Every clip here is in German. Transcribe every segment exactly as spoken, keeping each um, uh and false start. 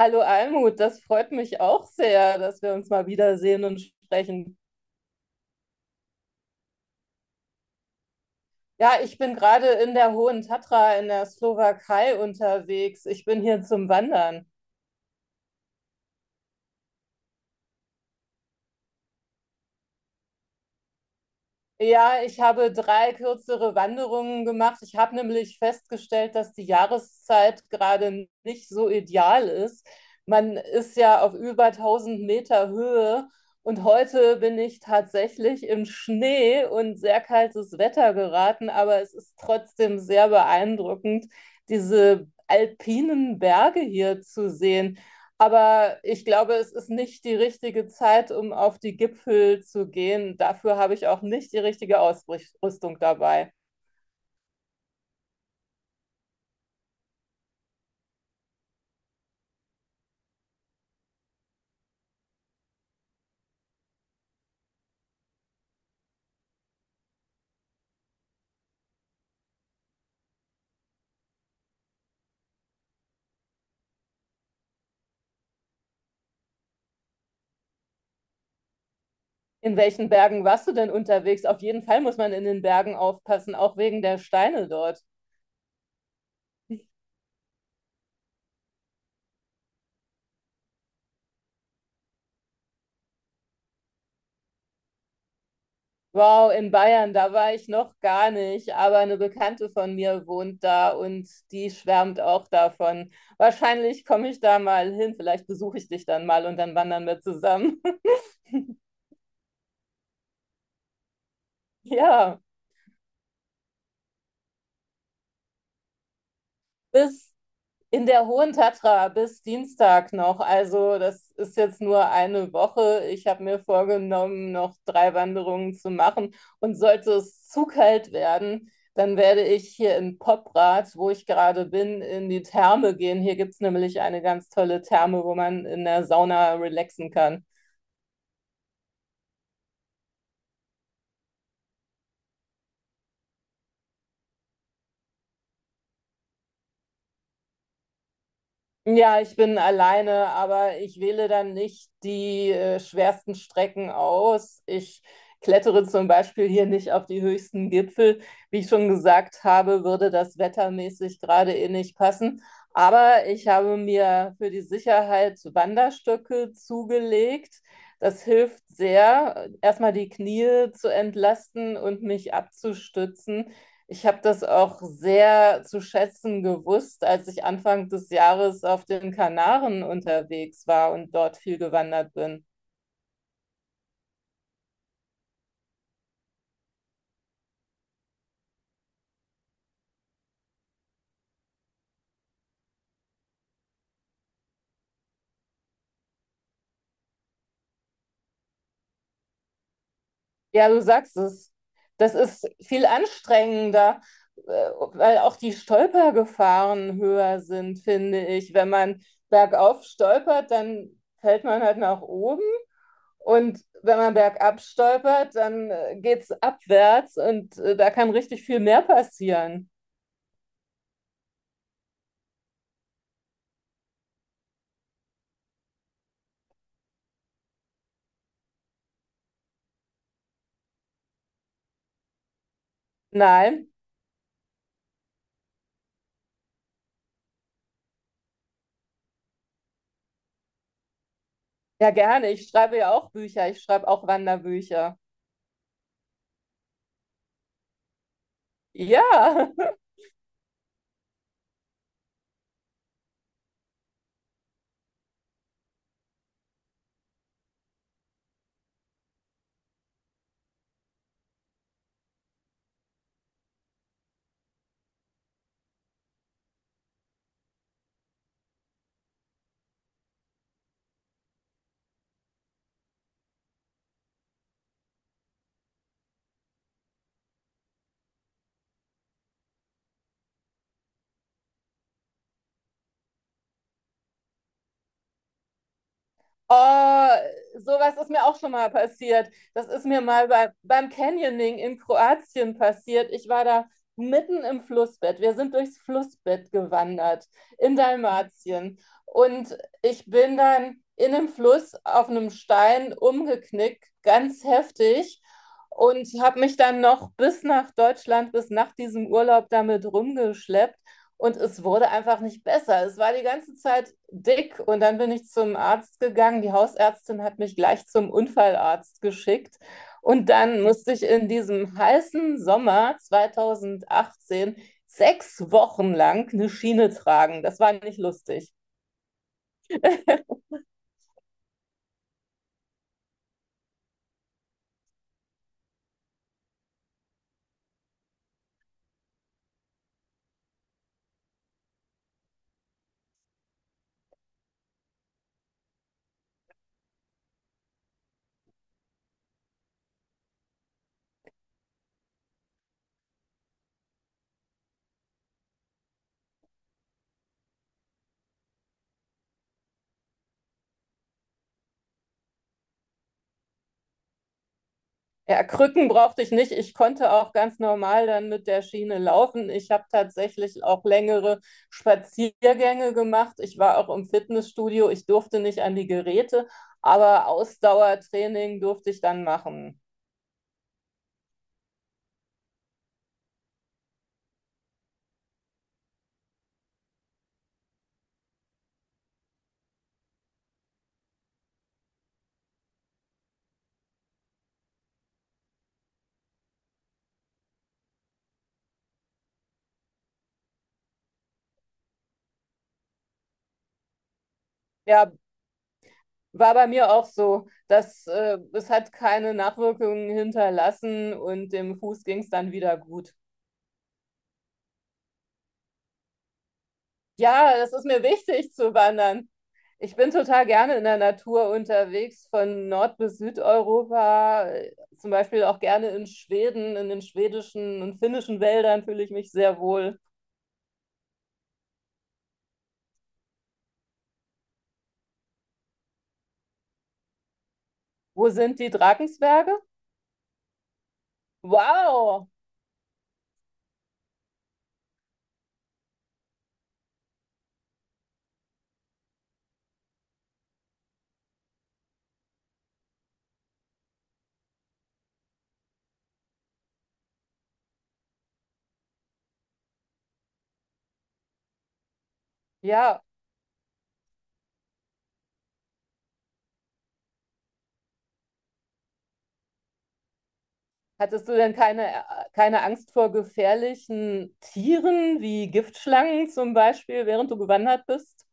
Hallo Almut, das freut mich auch sehr, dass wir uns mal wiedersehen und sprechen. Ja, ich bin gerade in der Hohen Tatra in der Slowakei unterwegs. Ich bin hier zum Wandern. Ja, ich habe drei kürzere Wanderungen gemacht. Ich habe nämlich festgestellt, dass die Jahreszeit gerade nicht so ideal ist. Man ist ja auf über tausend Meter Höhe und heute bin ich tatsächlich in Schnee und sehr kaltes Wetter geraten, aber es ist trotzdem sehr beeindruckend, diese alpinen Berge hier zu sehen. Aber ich glaube, es ist nicht die richtige Zeit, um auf die Gipfel zu gehen. Dafür habe ich auch nicht die richtige Ausrüstung dabei. In welchen Bergen warst du denn unterwegs? Auf jeden Fall muss man in den Bergen aufpassen, auch wegen der Steine dort. Wow, in Bayern, da war ich noch gar nicht, aber eine Bekannte von mir wohnt da und die schwärmt auch davon. Wahrscheinlich komme ich da mal hin, vielleicht besuche ich dich dann mal und dann wandern wir zusammen. Ja, bis in der Hohen Tatra bis Dienstag noch. Also das ist jetzt nur eine Woche. Ich habe mir vorgenommen, noch drei Wanderungen zu machen. Und sollte es zu kalt werden, dann werde ich hier in Poprad, wo ich gerade bin, in die Therme gehen. Hier gibt es nämlich eine ganz tolle Therme, wo man in der Sauna relaxen kann. Ja, ich bin alleine, aber ich wähle dann nicht die äh, schwersten Strecken aus. Ich klettere zum Beispiel hier nicht auf die höchsten Gipfel. Wie ich schon gesagt habe, würde das wettermäßig gerade eh nicht passen. Aber ich habe mir für die Sicherheit Wanderstöcke zugelegt. Das hilft sehr, erstmal die Knie zu entlasten und mich abzustützen. Ich habe das auch sehr zu schätzen gewusst, als ich Anfang des Jahres auf den Kanaren unterwegs war und dort viel gewandert bin. Ja, du sagst es. Das ist viel anstrengender, äh, weil auch die Stolpergefahren höher sind, finde ich. Wenn man bergauf stolpert, dann fällt man halt nach oben. Und wenn man bergab stolpert, dann äh, geht's abwärts und äh, da kann richtig viel mehr passieren. Nein. Ja, gerne. Ich schreibe ja auch Bücher. Ich schreibe auch Wanderbücher. Ja. Oh, sowas ist mir auch schon mal passiert. Das ist mir mal bei, beim Canyoning in Kroatien passiert. Ich war da mitten im Flussbett. Wir sind durchs Flussbett gewandert in Dalmatien. Und ich bin dann in einem Fluss auf einem Stein umgeknickt, ganz heftig. Und habe mich dann noch bis nach Deutschland, bis nach diesem Urlaub damit rumgeschleppt. Und es wurde einfach nicht besser. Es war die ganze Zeit dick. Und dann bin ich zum Arzt gegangen. Die Hausärztin hat mich gleich zum Unfallarzt geschickt. Und dann musste ich in diesem heißen Sommer zweitausendachtzehn sechs Wochen lang eine Schiene tragen. Das war nicht lustig. Ja, Krücken brauchte ich nicht. Ich konnte auch ganz normal dann mit der Schiene laufen. Ich habe tatsächlich auch längere Spaziergänge gemacht. Ich war auch im Fitnessstudio. Ich durfte nicht an die Geräte, aber Ausdauertraining durfte ich dann machen. Ja, war bei mir auch so, dass äh, es hat keine Nachwirkungen hinterlassen und dem Fuß ging es dann wieder gut. Ja, das ist mir wichtig zu wandern. Ich bin total gerne in der Natur unterwegs, von Nord- bis Südeuropa, äh, zum Beispiel auch gerne in Schweden, in den schwedischen und finnischen Wäldern fühle ich mich sehr wohl. Wo sind die Drakensberge? Wow! Ja, hattest du denn keine, äh, keine Angst vor gefährlichen Tieren wie Giftschlangen zum Beispiel, während du gewandert bist?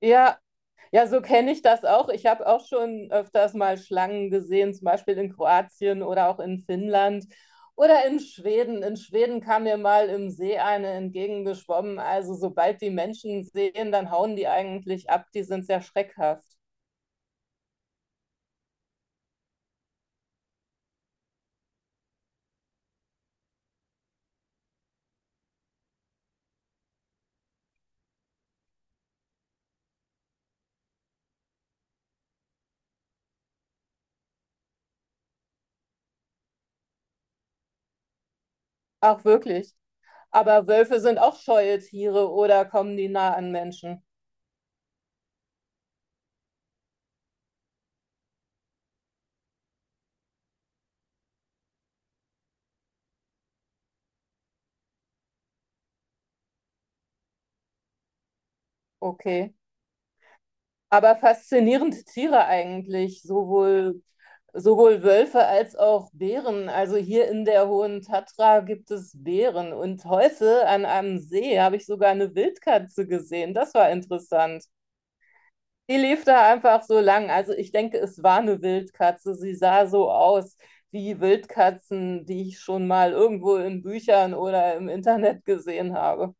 Ja, ja, so kenne ich das auch. Ich habe auch schon öfters mal Schlangen gesehen, zum Beispiel in Kroatien oder auch in Finnland oder in Schweden. In Schweden kam mir mal im See eine entgegengeschwommen. Also sobald die Menschen sehen, dann hauen die eigentlich ab. Die sind sehr schreckhaft. Auch wirklich. Aber Wölfe sind auch scheue Tiere oder kommen die nah an Menschen? Okay. Aber faszinierende Tiere eigentlich, sowohl, sowohl Wölfe als auch Bären. Also hier in der Hohen Tatra gibt es Bären. Und heute an einem See habe ich sogar eine Wildkatze gesehen. Das war interessant. Die lief da einfach so lang. Also ich denke, es war eine Wildkatze. Sie sah so aus wie Wildkatzen, die ich schon mal irgendwo in Büchern oder im Internet gesehen habe.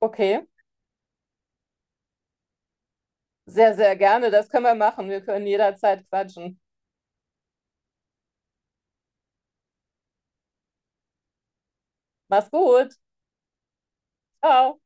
Okay, sehr, sehr gerne. Das können wir machen. Wir können jederzeit quatschen. Mach's gut. Ciao.